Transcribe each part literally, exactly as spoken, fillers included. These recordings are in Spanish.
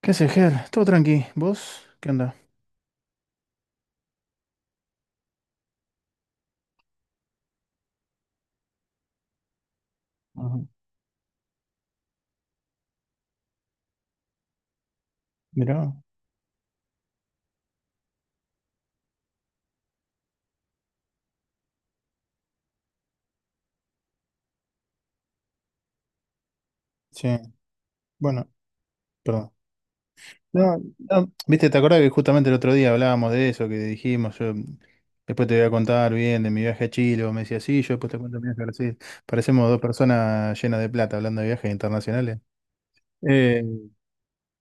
¿Qué haces, Ger? Todo tranqui. ¿Vos? ¿Qué onda? Ajá. Mirá. Sí, bueno, perdón. No, no, viste, ¿te acordás que justamente el otro día hablábamos de eso, que dijimos, yo después te voy a contar bien de mi viaje a Chile, vos me decías, sí, yo después te cuento mi viaje a Brasil? Parecemos dos personas llenas de plata hablando de viajes internacionales. Eh,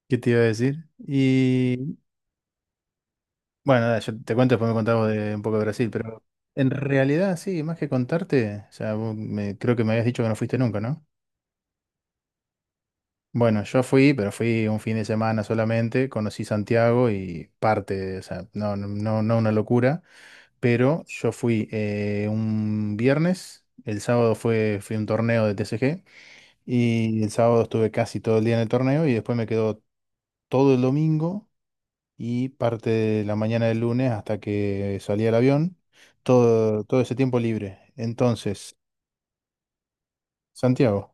¿qué te iba a decir? Y bueno, nada, yo te cuento, después me contás vos de un poco de Brasil, pero en realidad sí, más que contarte, o sea, vos me- creo que me habías dicho que no fuiste nunca, ¿no? Bueno, yo fui, pero fui un fin de semana solamente, conocí Santiago y parte, de- o sea, no, no, no no una locura, pero yo fui eh, un viernes, el sábado fue, fui a un torneo de T C G y el sábado estuve casi todo el día en el torneo y después me quedó todo el domingo y parte de la mañana del lunes hasta que salí al avión, todo, todo ese tiempo libre. Entonces, Santiago,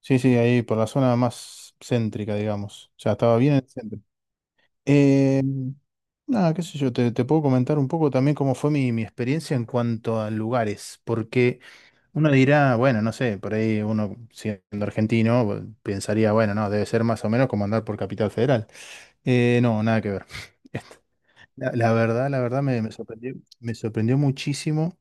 sí, sí, ahí por la zona más céntrica, digamos, o sea, estaba bien en el centro. Eh, nada, qué sé yo, te, te puedo comentar un poco también cómo fue mi, mi experiencia en cuanto a lugares, porque uno dirá, bueno, no sé, por ahí uno siendo argentino pues, pensaría, bueno, no, debe ser más o menos como andar por Capital Federal. Eh, no, nada que ver. La, la verdad, la verdad me, me sorprendió, me sorprendió muchísimo.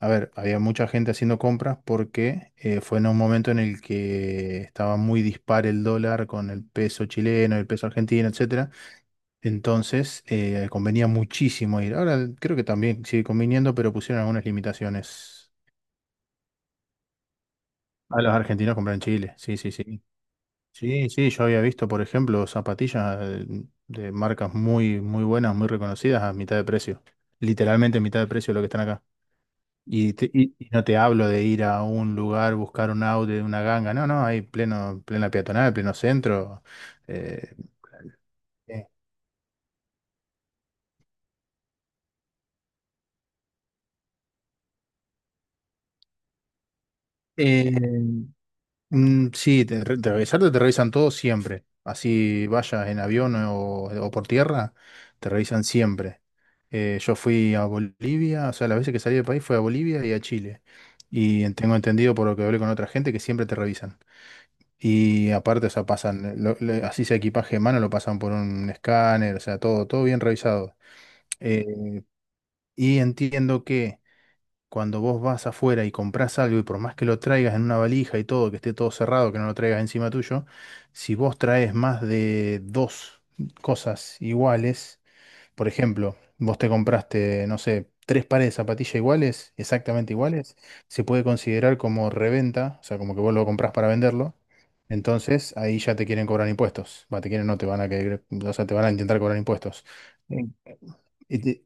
A ver, había mucha gente haciendo compras porque eh, fue en un momento en el que estaba muy dispar el dólar con el peso chileno, el peso argentino, etcétera. Entonces, eh, convenía muchísimo ir. Ahora creo que también sigue conviniendo, pero pusieron algunas limitaciones a los argentinos comprar en Chile. Sí, sí, sí. Sí, sí, yo había visto, por ejemplo, zapatillas eh, de marcas muy, muy buenas, muy reconocidas a mitad de precio. Literalmente a mitad de precio de lo que están acá. Y, te- y- y no te hablo de ir a un lugar, buscar un auto de una ganga. No, no, hay pleno, plena peatonal, pleno centro. eh, eh, Mm, sí, te, re- te revisarte te revisan todo siempre. Así vayas en avión o, o por tierra, te revisan siempre. Eh, yo fui a Bolivia, o sea, las veces que salí del país fui a Bolivia y a Chile. Y tengo entendido por lo que hablé con otra gente que siempre te revisan. Y aparte, o sea, pasan, lo- lo- así sea equipaje de mano, lo pasan por un escáner, o sea, todo, todo bien revisado. Eh, y entiendo que cuando vos vas afuera y comprás algo y por más que lo traigas en una valija y todo, que esté todo cerrado, que no lo traigas encima tuyo, si vos traes más de dos cosas iguales, por ejemplo, vos te compraste, no sé, tres pares de zapatillas iguales, exactamente iguales, se puede considerar como reventa, o sea, como que vos lo comprás para venderlo. Entonces ahí ya te quieren cobrar impuestos. Va, te quieren, no te van a querer, o sea, te van a intentar cobrar impuestos. Eh, este,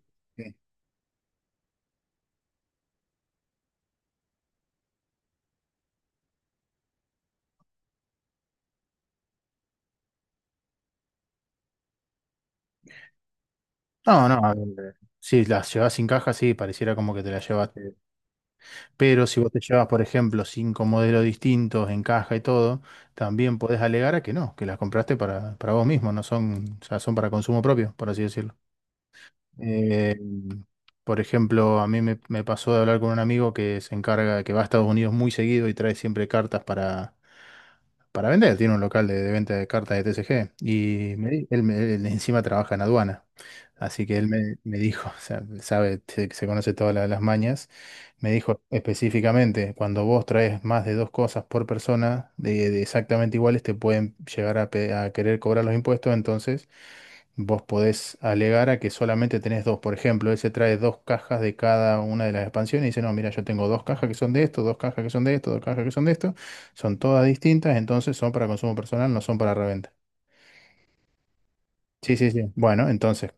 No, no, a ver, si las llevas sin caja, sí, pareciera como que te las llevaste. Pero si vos te llevas, por ejemplo, cinco modelos distintos en caja y todo, también podés alegar a que no, que las compraste para, para vos mismo, no son, o sea, son para consumo propio, por así decirlo. Eh, por ejemplo, a mí me, me pasó de hablar con un amigo que se encarga, que va a Estados Unidos muy seguido y trae siempre cartas para, para vender, tiene un local de, de venta de cartas de T C G y me di- él, me- él encima trabaja en aduana, así que él me, me dijo, o sea, sabe, se, se conoce todas la- las mañas, me dijo específicamente, cuando vos traes más de dos cosas por persona de, de exactamente iguales, te pueden llegar a, pe- a querer cobrar los impuestos, entonces vos podés alegar a que solamente tenés dos. Por ejemplo, él se trae dos cajas de cada una de las expansiones y dice, no, mira, yo tengo dos cajas que son de esto, dos cajas que son de esto, dos cajas que son de esto. Son todas distintas, entonces son para consumo personal, no son para reventa. Sí, sí, sí. Bueno, entonces,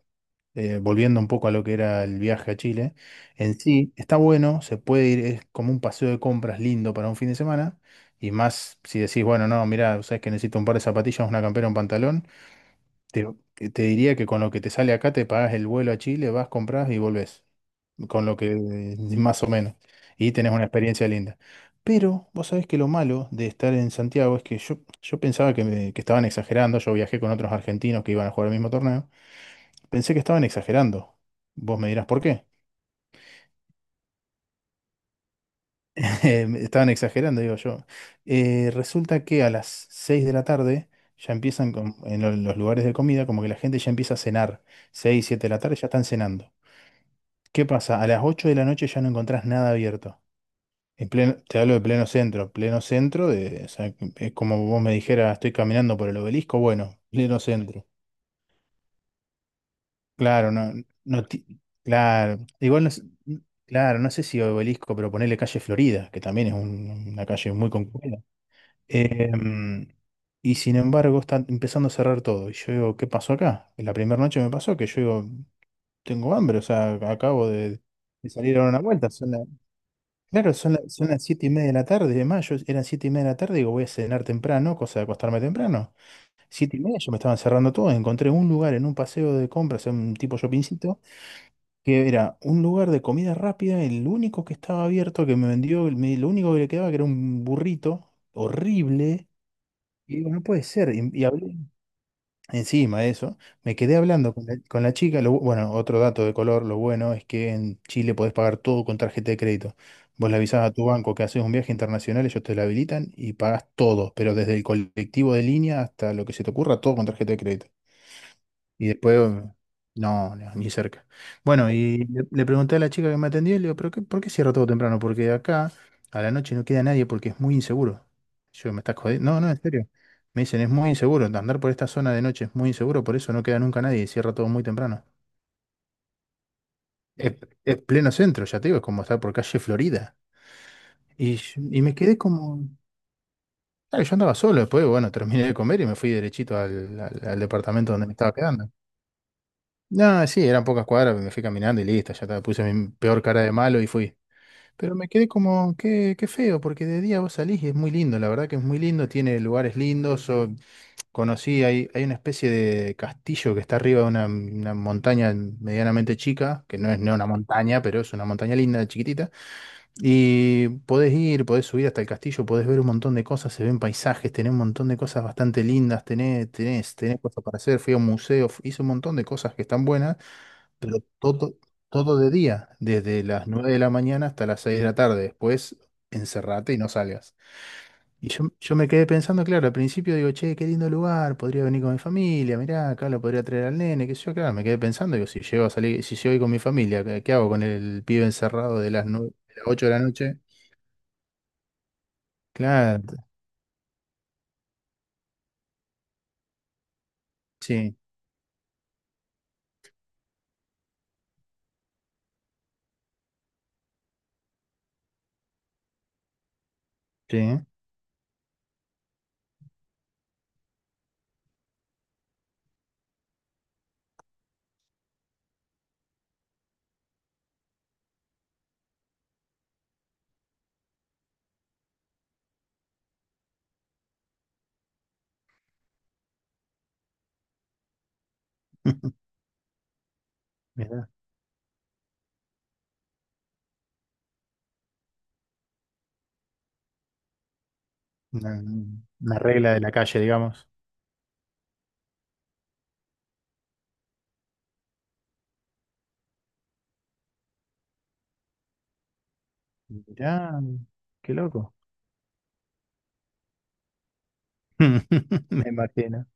eh, volviendo un poco a lo que era el viaje a Chile, en sí está bueno, se puede ir, es como un paseo de compras lindo para un fin de semana. Y más si decís, bueno, no, mira, sabes que necesito un par de zapatillas, una campera, un pantalón. Te, te diría que con lo que te sale acá te pagas el vuelo a Chile, vas, compras y volvés. Con lo que eh, más o menos. Y tenés una experiencia linda. Pero vos sabés que lo malo de estar en Santiago es que yo, yo pensaba que, me- que estaban exagerando. Yo viajé con otros argentinos que iban a jugar el mismo torneo. Pensé que estaban exagerando. Vos me dirás por qué. Eh, estaban exagerando, digo yo. Eh, resulta que a las seis de la tarde ya empiezan con- en lo- los lugares de comida, como que la gente ya empieza a cenar. Seis siete de la tarde ya están cenando. ¿Qué pasa? A las ocho de la noche ya no encontrás nada abierto. En pleno- te hablo de pleno centro. Pleno centro de, o sea, es como vos me dijeras, estoy caminando por el obelisco, bueno, pleno centro. Claro, no, no, ti- claro, igual no, sé- claro, no sé si obelisco, pero ponerle calle Florida, que también es un- una calle muy concurrida. Em, y sin embargo, está empezando a cerrar todo. Y yo digo, ¿qué pasó acá? En la primera noche me pasó que yo digo, tengo hambre, o sea, acabo de, de salir a dar una vuelta. Claro, son, la- son las siete y media de la tarde, de mayo. Eran siete y media de la tarde, digo, voy a cenar temprano, cosa de acostarme temprano. Siete y media yo me estaban cerrando todo, encontré un lugar en un paseo de compras, en un tipo shoppingcito, que era un lugar de comida rápida, el único que estaba abierto, que me vendió, me- lo único que le quedaba que era un burrito horrible, y digo, no puede ser, y, y hablé. Encima de eso, me quedé hablando con la, con la chica. lo bu- bueno, otro dato de color, lo bueno es que en Chile podés pagar todo con tarjeta de crédito. Vos le avisás a tu banco que haces un viaje internacional, ellos te la habilitan y pagás todo, pero desde el colectivo de línea hasta lo que se te ocurra, todo con tarjeta de crédito. Y después, no, no, ni cerca. Bueno, y le, le pregunté a la chica que me atendió, y le digo, ¿pero qué, por qué cierra todo temprano? Porque acá a la noche no queda nadie porque es muy inseguro. Yo, ¿me estás jodiendo? No, no, en serio. Me dicen, es muy inseguro, andar por esta zona de noche es muy inseguro, por eso no queda nunca nadie y cierra todo muy temprano. Es, es pleno centro, ya te digo, es como estar por calle Florida. Y, yo- y me quedé como... Claro, yo andaba solo, después, bueno, terminé de comer y me fui derechito al, al al departamento donde me estaba quedando. No, sí, eran pocas cuadras, me fui caminando y listo, ya está, puse mi peor cara de malo y fui. Pero me quedé como, qué, qué feo, porque de día vos salís y es muy lindo, la verdad que es muy lindo, tiene lugares lindos. O- conocí, hay, hay una especie de castillo que está arriba de una, una montaña medianamente chica, que no es no una montaña, pero es una montaña linda, chiquitita. Y podés ir, podés subir hasta el castillo, podés ver un montón de cosas, se ven paisajes, tenés un montón de cosas bastante lindas, tenés, tenés, tenés cosas para hacer, fui a un museo, f- hice un montón de cosas que están buenas. Pero todo, todo de día, desde las nueve de la mañana hasta las seis de la tarde. Después encerrate y no salgas. Y yo, yo me quedé pensando, claro, al principio digo, che, qué lindo lugar, podría venir con mi familia, mirá, acá lo podría traer al nene, qué sé yo, claro, me quedé pensando, digo, si llego a salir, si llego a ir con mi familia, ¿qué, qué hago con el pibe encerrado de las nueve de las ocho de la noche? Claro, sí, sí. ¿eh? Mirá, una, una regla de la calle, digamos. Mirá, qué loco. Me imagino.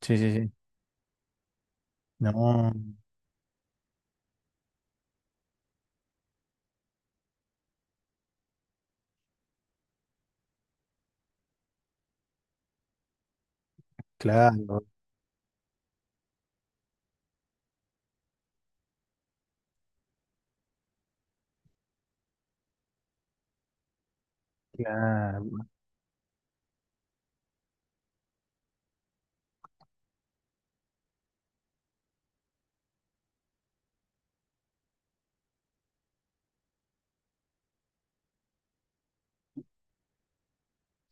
Sí, sí, sí. No, claro, claro.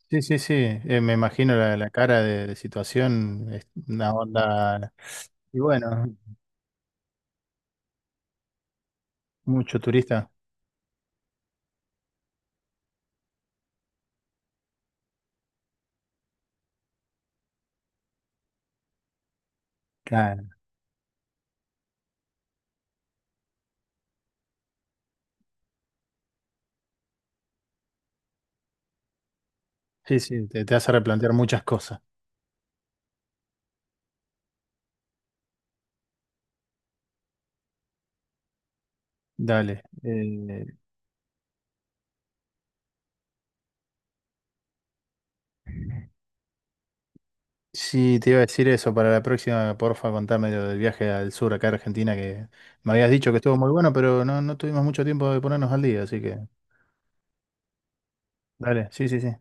Sí, sí, sí. eh, me imagino la, la cara de, de situación, es una onda. Y bueno, mucho turista. Claro. Sí, sí, te, te hace replantear muchas cosas. Dale. eh, sí, te iba a decir eso para la próxima, porfa, contame lo del viaje al sur acá a Argentina, que me habías dicho que estuvo muy bueno, pero no, no tuvimos mucho tiempo de ponernos al día, así que dale, sí, sí, sí.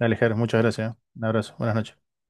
Dale, Ger, muchas gracias. ¿Eh? Un abrazo, buenas noches.